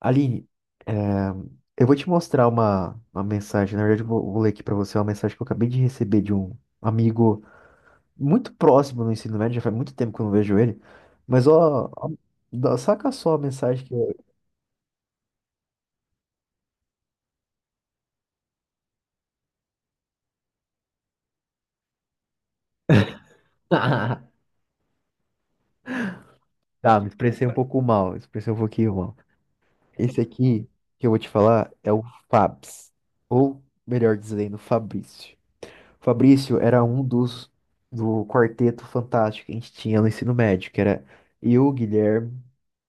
Aline, é, eu vou te mostrar uma mensagem. Na verdade, eu vou ler aqui pra você é uma mensagem que eu acabei de receber de um amigo muito próximo no ensino médio. Já faz muito tempo que eu não vejo ele. Mas, saca só a mensagem que eu. Tá, me expressei um pouco mal. Expressei um pouquinho mal. Esse aqui que eu vou te falar é o Fabs. Ou, melhor dizendo, Fabrício. Fabrício era um dos do quarteto fantástico que a gente tinha no ensino médio, que era eu, Guilherme.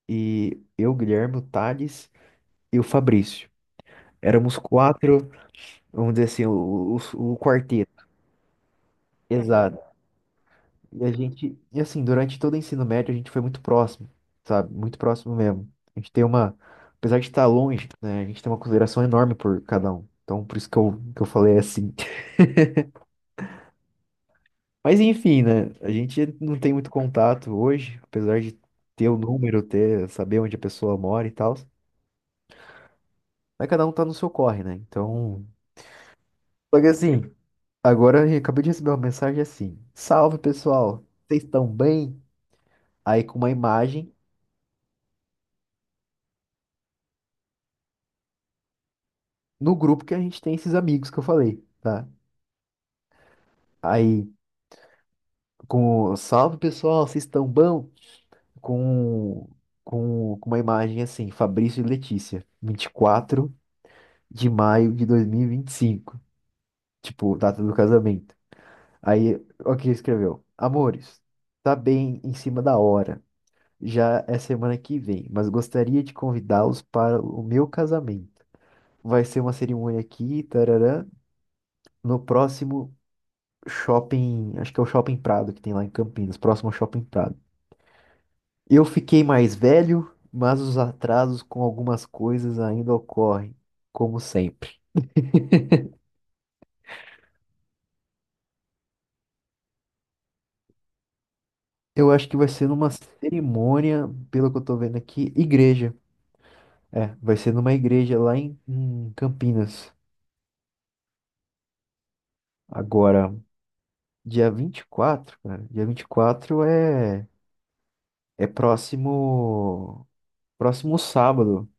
O Thales e o Fabrício. Éramos quatro, vamos dizer assim, o quarteto. Exato. E a gente, e assim, durante todo o ensino médio a gente foi muito próximo, sabe? Muito próximo mesmo. A gente tem uma, apesar de estar longe, né, a gente tem uma consideração enorme por cada um. Então, por isso que eu falei assim. Mas enfim, né? A gente não tem muito contato hoje, apesar de ter o número, ter, saber onde a pessoa mora e tal. Mas cada um tá no seu corre, né? Então, só que assim, agora eu acabei de receber uma mensagem assim: salve pessoal, vocês estão bem? Aí com uma imagem no grupo que a gente tem esses amigos que eu falei, tá? Aí com o, salve pessoal, vocês estão bom? Com, com uma imagem assim: Fabrício e Letícia, 24 de maio de 2025, tipo, data do casamento. Aí, o que escreveu? Amores, tá bem em cima da hora, já é semana que vem, mas gostaria de convidá-los para o meu casamento. Vai ser uma cerimônia aqui, tarará, no próximo shopping, acho que é o Shopping Prado que tem lá em Campinas, próximo ao Shopping Prado. Eu fiquei mais velho, mas os atrasos com algumas coisas ainda ocorrem, como sempre. Eu acho que vai ser numa cerimônia, pelo que eu tô vendo aqui, igreja. É, vai ser numa igreja lá em Campinas. Agora, dia 24 cara. Dia vinte e quatro é próximo sábado.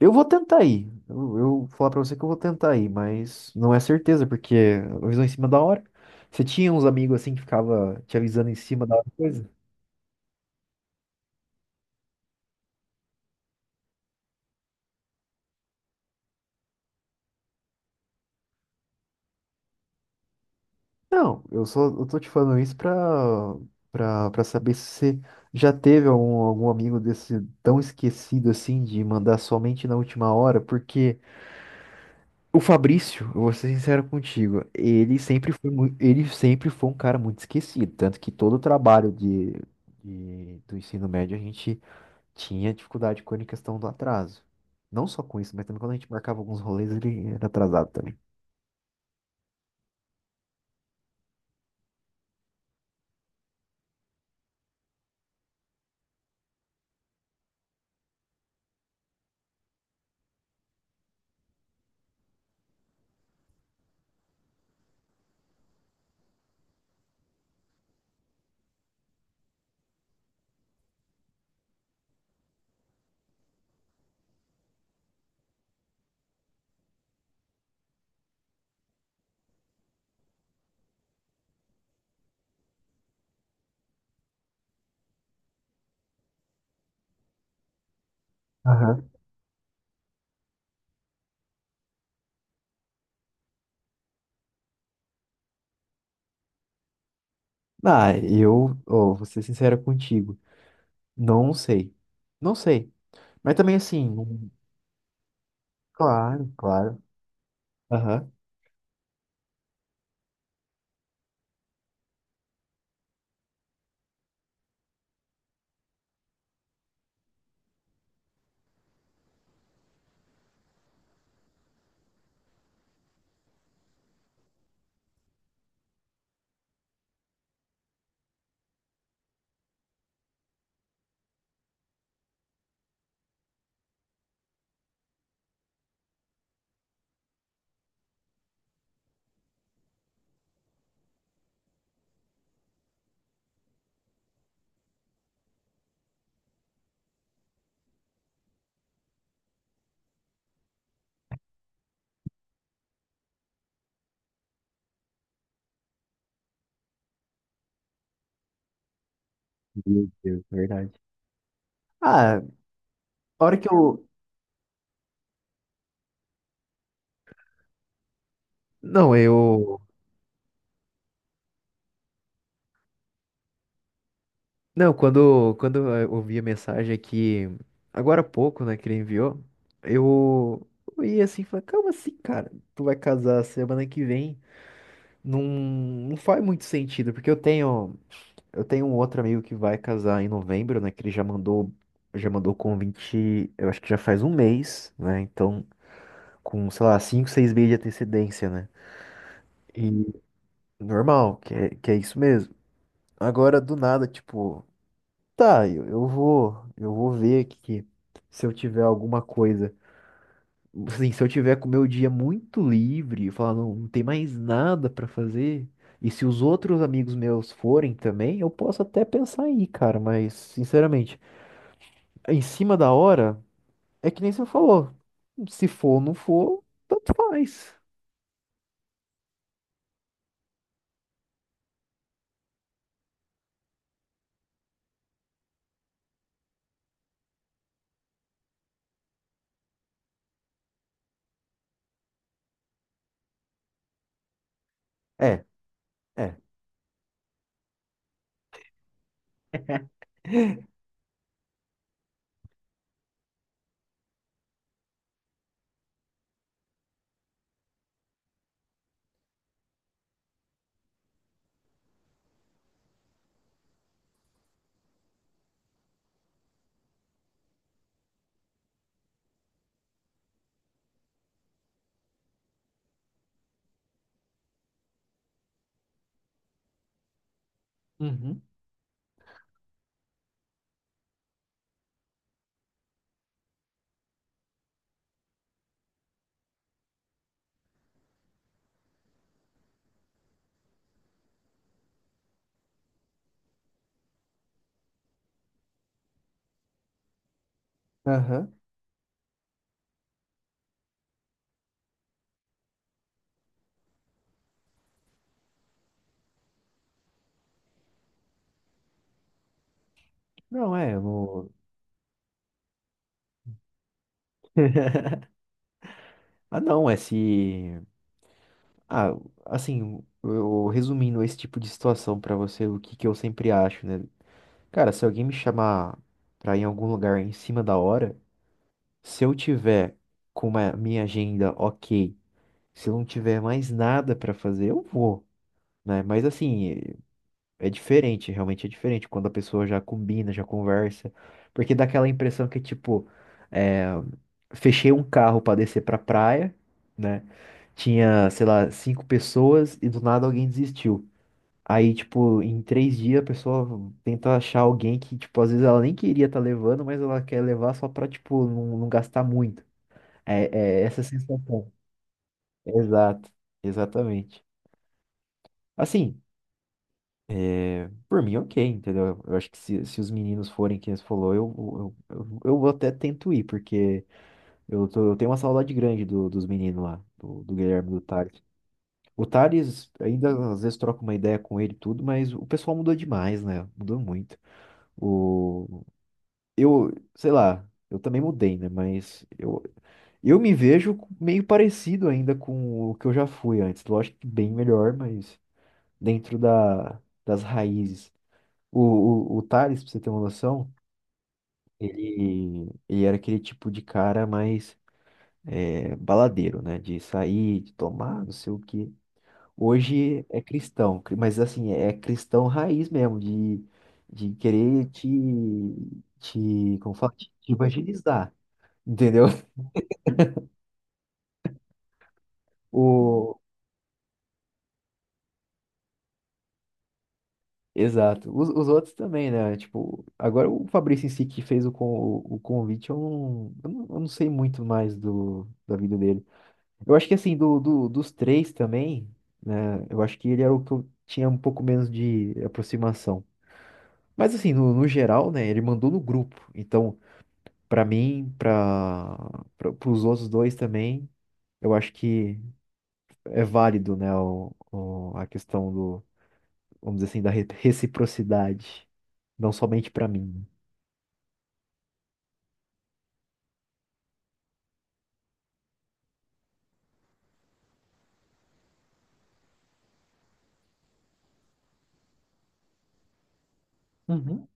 Eu vou tentar ir. Eu vou falar pra você que eu vou tentar ir, mas não é certeza porque avisou em cima da hora. Você tinha uns amigos assim que ficava te avisando em cima da hora, coisa? Não, eu só eu tô te falando isso pra para saber se você já teve algum, algum amigo desse tão esquecido assim de mandar somente na última hora, porque o Fabrício, eu vou ser sincero contigo, ele sempre foi um cara muito esquecido, tanto que todo o trabalho do ensino médio a gente tinha dificuldade com a questão do atraso. Não só com isso, mas também quando a gente marcava alguns rolês, ele era atrasado também. Aham. Ah, eu, ó, vou ser sincero contigo, não sei, não sei, mas também assim, não... Claro, claro, aham. Meu Deus, verdade. Ah, a hora que eu, não, eu... Não, quando eu ouvi a mensagem aqui, agora há pouco, né, que ele enviou, eu, eu ia assim, falei, calma assim, cara, tu vai casar semana que vem, não, não faz muito sentido, porque eu tenho um outro amigo que vai casar em novembro, né, que ele já mandou convite, eu acho que já faz um mês, né, então, com, sei lá, cinco, seis meses de antecedência, né, e normal, que é isso mesmo. Agora, do nada, tipo... Tá, eu vou ver aqui se eu tiver alguma coisa. Assim, se eu tiver com o meu dia muito livre, eu falar, não, não tem mais nada pra fazer. E se os outros amigos meus forem também, eu posso até pensar aí, cara, mas sinceramente, em cima da hora, é que nem você falou. Se for ou não for, tanto faz. É, é. Uhum. Aham. Não, é, eu não... Ah, não, é se. Ah, assim, eu resumindo esse tipo de situação pra você, o que que eu sempre acho, né? Cara, se alguém me chamar pra ir em algum lugar em cima da hora, se eu tiver com a minha agenda ok, se eu não tiver mais nada pra fazer, eu vou, né? Mas assim, é diferente, realmente é diferente quando a pessoa já combina, já conversa, porque dá aquela impressão que, tipo, é, fechei um carro pra descer pra praia, né? Tinha, sei lá, cinco pessoas e do nada alguém desistiu. Aí, tipo, em três dias a pessoa tenta achar alguém que, tipo, às vezes ela nem queria estar levando, mas ela quer levar só pra, tipo, não, não gastar muito. É, é essa sensação. Exato, exatamente. Assim, por mim, ok, entendeu? Eu acho que se os meninos forem quem você falou, eu vou até tento ir, porque eu tenho uma saudade grande dos meninos lá, do Guilherme e do Thales. O Thales, ainda às vezes troca uma ideia com ele e tudo, mas o pessoal mudou demais, né? Mudou muito. O, eu, sei lá, eu também mudei, né? Mas eu me vejo meio parecido ainda com o que eu já fui antes. Lógico que bem melhor, mas dentro da, das raízes. O Thales, pra você ter uma noção, ele era aquele tipo de cara mais é, baladeiro, né? De sair, de tomar, não sei o quê. Hoje é cristão, mas assim, é cristão raiz mesmo, de querer te, te, como fala, te evangelizar, entendeu? O, exato. Os outros também, né? Tipo, agora o Fabrício em si que fez o, con, o convite, eu não sei muito mais do, da vida dele. Eu acho que assim, dos três também, né? Eu acho que ele era o que eu tinha um pouco menos de aproximação. Mas assim, no, no geral, né? Ele mandou no grupo. Então, pra mim, para os outros dois também, eu acho que é válido, né? A questão do, vamos dizer assim, da reciprocidade. Não somente pra mim. Uhum.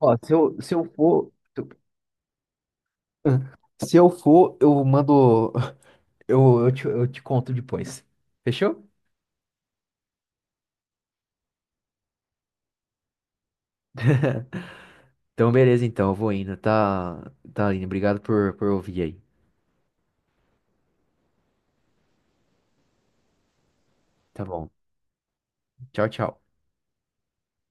Ó, se eu for. Se eu for, eu mando. Eu te conto depois. Fechou? Então, beleza, então, eu vou indo, tá, Aline? Obrigado por ouvir aí. Tá bom. Tchau, tchau.